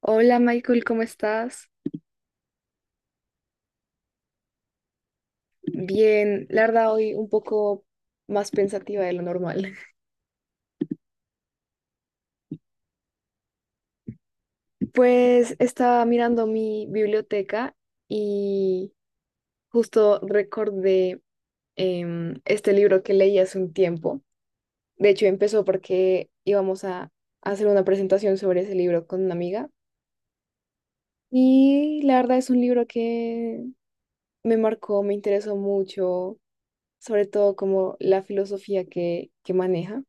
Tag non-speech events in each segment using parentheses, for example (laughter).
Hola Michael, ¿cómo estás? Bien, la verdad hoy un poco más pensativa de lo normal. (laughs) Pues estaba mirando mi biblioteca y justo recordé este libro que leí hace un tiempo. De hecho, empezó porque íbamos a hacer una presentación sobre ese libro con una amiga. Y la verdad es un libro que me marcó, me interesó mucho, sobre todo como la filosofía que maneja.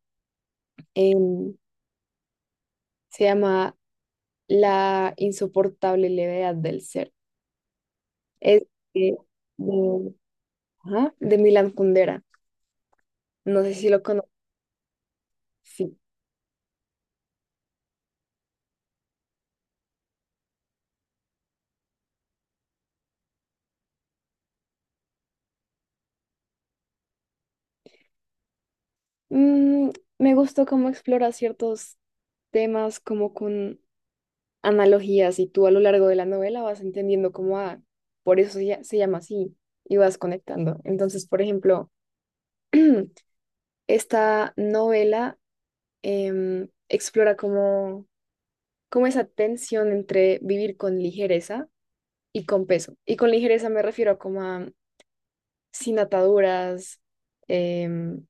Em, Se llama La insoportable levedad del ser. Es de, de, ajá, de Milan Kundera. No sé si lo conoces. Sí. Mm, me gustó cómo explora ciertos temas como con analogías y tú a lo largo de la novela vas entendiendo cómo, ah, por eso se llama así y vas conectando. Entonces, por ejemplo, (clears throat) esta novela explora como, como esa tensión entre vivir con ligereza y con peso. Y con ligereza me refiero como a sin ataduras, em,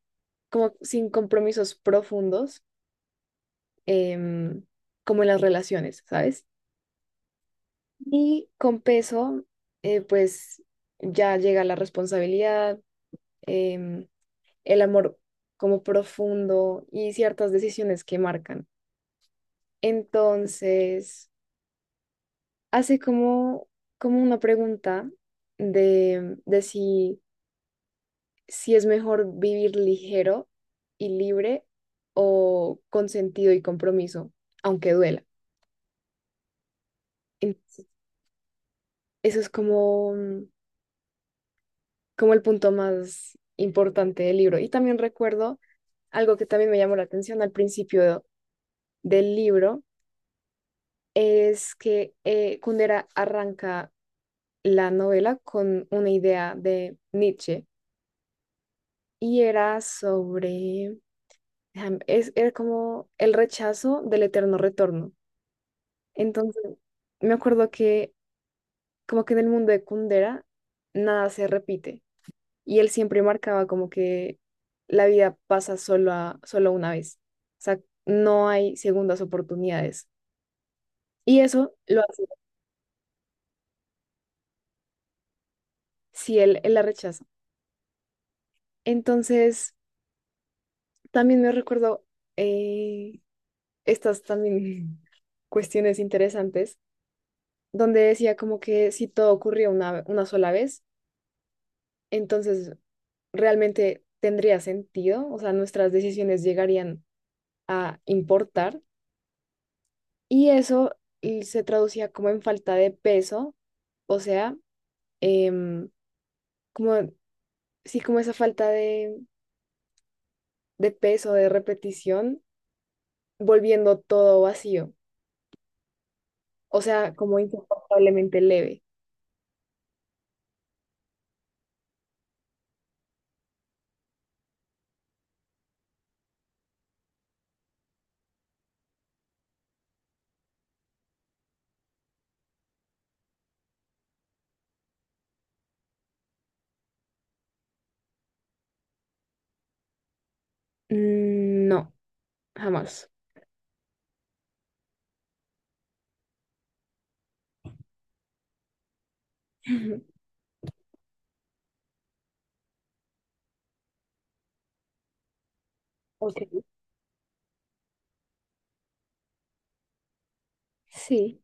como sin compromisos profundos, em, como en las relaciones, ¿sabes? Y con peso, pues ya llega la responsabilidad, em, el amor como profundo y ciertas decisiones que marcan. Entonces, hace como, como una pregunta de si si es mejor vivir ligero y libre o con sentido y compromiso, aunque duela. Entonces, eso es como, mm, como el punto más importante del libro. Y también recuerdo algo que también me llamó la atención al principio del libro, es que Kundera arranca la novela con una idea de Nietzsche y era sobre, era como el rechazo del eterno retorno. Entonces, me acuerdo que como que en el mundo de Kundera nada se repite y él siempre marcaba como que la vida pasa solo, solo una vez. O sea, no hay segundas oportunidades. Y eso lo hace si él la rechaza. Entonces, también me recuerdo eh, estas también (laughs) cuestiones interesantes donde decía como que si todo ocurría una sola vez, entonces realmente tendría sentido, o sea, nuestras decisiones llegarían a importar y eso y se traducía como en falta de peso, o sea, em, como, sí, como esa falta de peso, de repetición, volviendo todo vacío, o sea, como insoportablemente leve. Mm, no, jamás. (laughs) Ok, sí,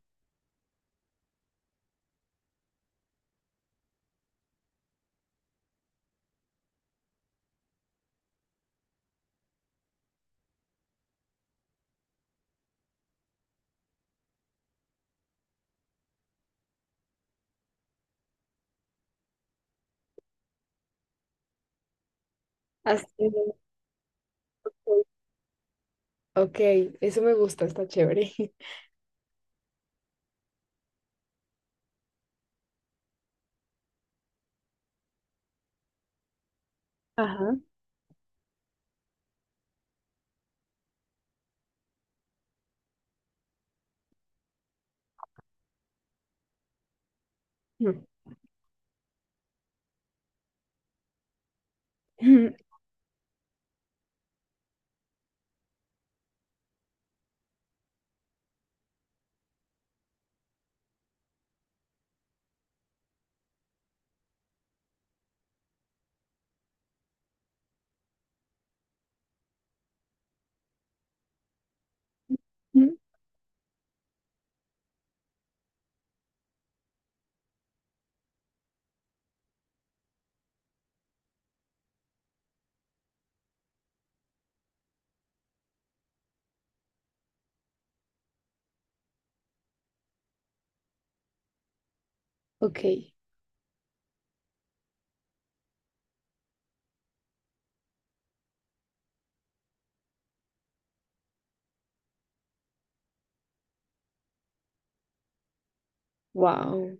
así. Ok, eso me gusta, está chévere. (laughs) Ajá. (clears throat) Ok, wow.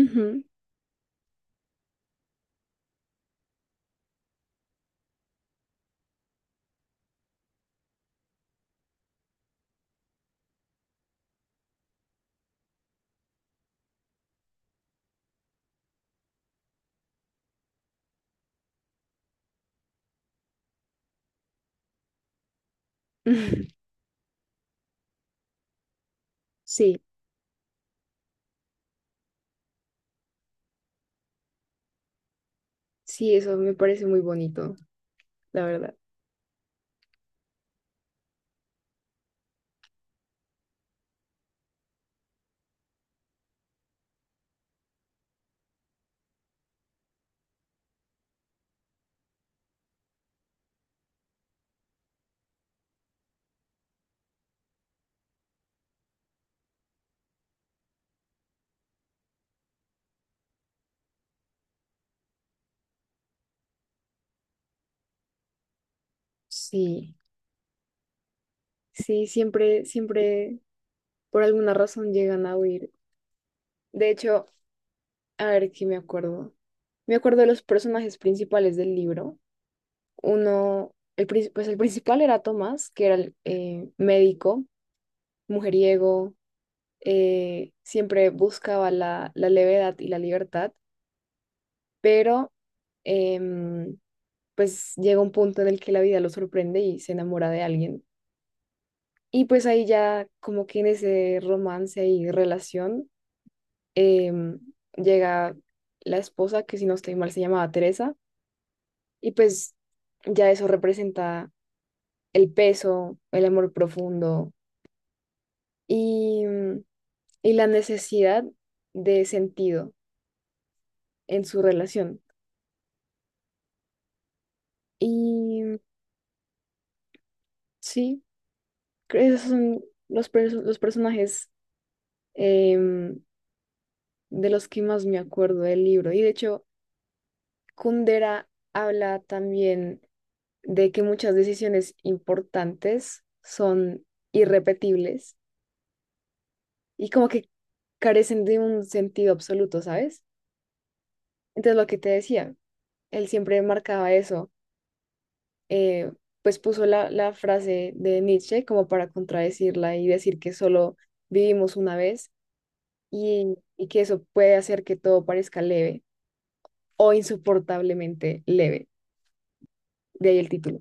Ujú. (laughs) Sí, sí, eso me parece muy bonito, la verdad. Sí, sí, siempre, siempre, por alguna razón llegan a huir. De hecho, a ver qué me acuerdo. Me acuerdo de los personajes principales del libro. Uno, pues el principal era Tomás, que era el médico, mujeriego, siempre buscaba la levedad y la libertad, pero em, pues llega un punto en el que la vida lo sorprende y se enamora de alguien. Y pues ahí ya como que en ese romance y relación em, llega la esposa, que si no estoy mal se llamaba Teresa, y pues ya eso representa el peso, el amor profundo y, mm, y la necesidad de sentido en su relación. Y mm, sí, creo que esos son los personajes em, de los que más me acuerdo del libro. Y de hecho, Kundera habla también de que muchas decisiones importantes son irrepetibles y como que carecen de un sentido absoluto, ¿sabes? Entonces, lo que te decía, él siempre marcaba eso, eh, pues puso la frase de Nietzsche como para contradecirla y decir que solo vivimos una vez y que eso puede hacer que todo parezca leve o insoportablemente leve, de ahí el título.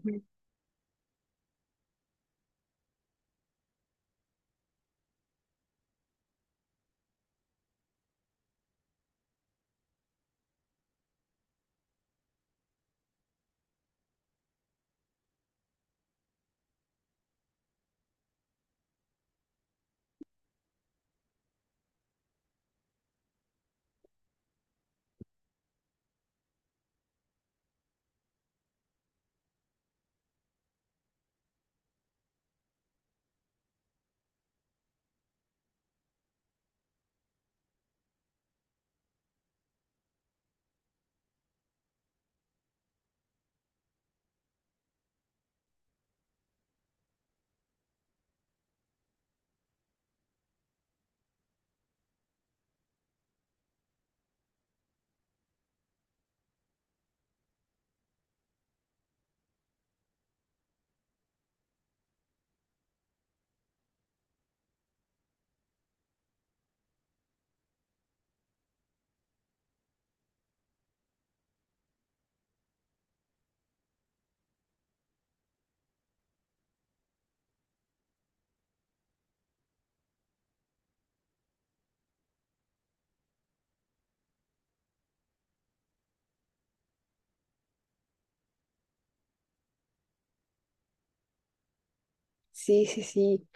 Sí, sí, sí.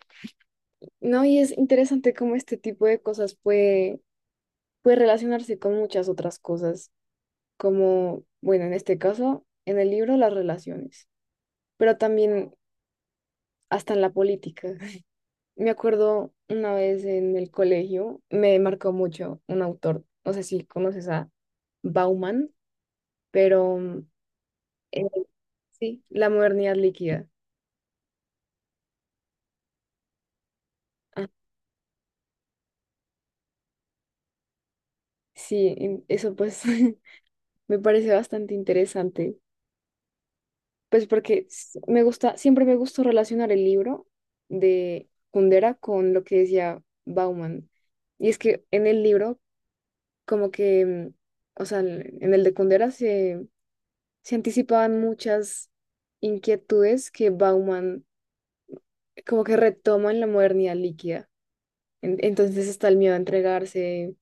No, y es interesante cómo este tipo de cosas puede relacionarse con muchas otras cosas, como, bueno, en este caso, en el libro, las relaciones, pero también hasta en la política. (laughs) Me acuerdo una vez en el colegio, me marcó mucho un autor, no sé si conoces a Bauman, pero mm, eh, sí, La modernidad líquida. Ah, sí, en- eso pues (laughs) me parece bastante interesante. Pues porque s- me gusta, siempre me gustó relacionar el libro de Kundera con lo que decía Bauman. Y es que en el libro, como que, mm, o sea, en el de Kundera se anticipaban muchas inquietudes que Bauman como que retoma en la modernidad líquida. En- entonces está el miedo a entregarse,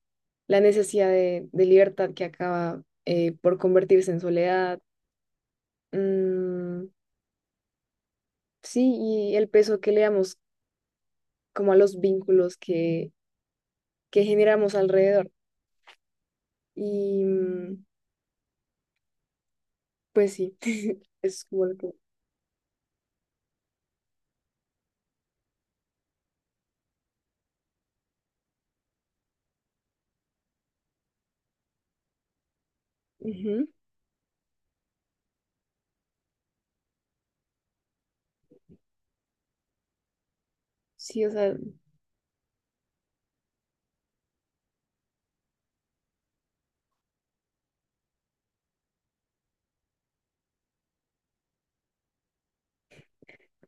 la necesidad de libertad que acaba por convertirse en soledad. Mm, sí, y el peso que le damos como a los vínculos que generamos alrededor. Y mm, pues sí, (laughs) es como lo que... Ujú. Sí, o sea,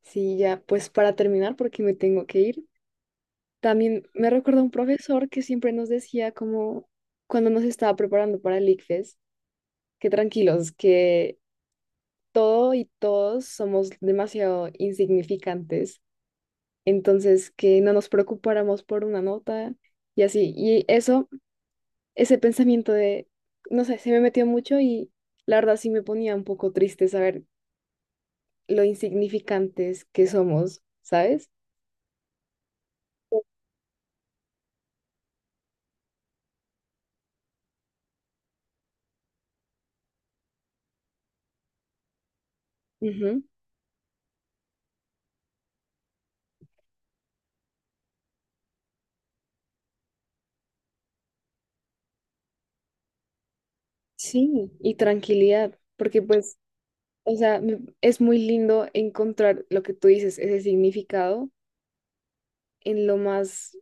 sí, ya pues para terminar, porque me tengo que ir. También me recuerda un profesor que siempre nos decía como cuando nos estaba preparando para el ICFES, que tranquilos, que todo y todos somos demasiado insignificantes, entonces que no nos preocupáramos por una nota y así. Y eso ese pensamiento de, no sé, se me metió mucho y la verdad sí me ponía un poco triste saber lo insignificantes que somos, ¿sabes? Ujú. Sí, y tranquilidad, porque pues, o sea, me- es muy lindo encontrar lo que tú dices, ese significado en lo más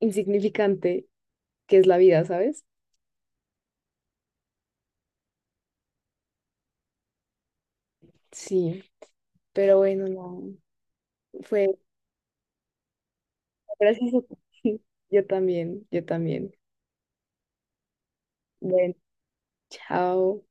insignificante que es la vida, ¿sabes? Sí, pero bueno, no, fue gracias a ti. (laughs) Yo también, yo también. Bueno, chao.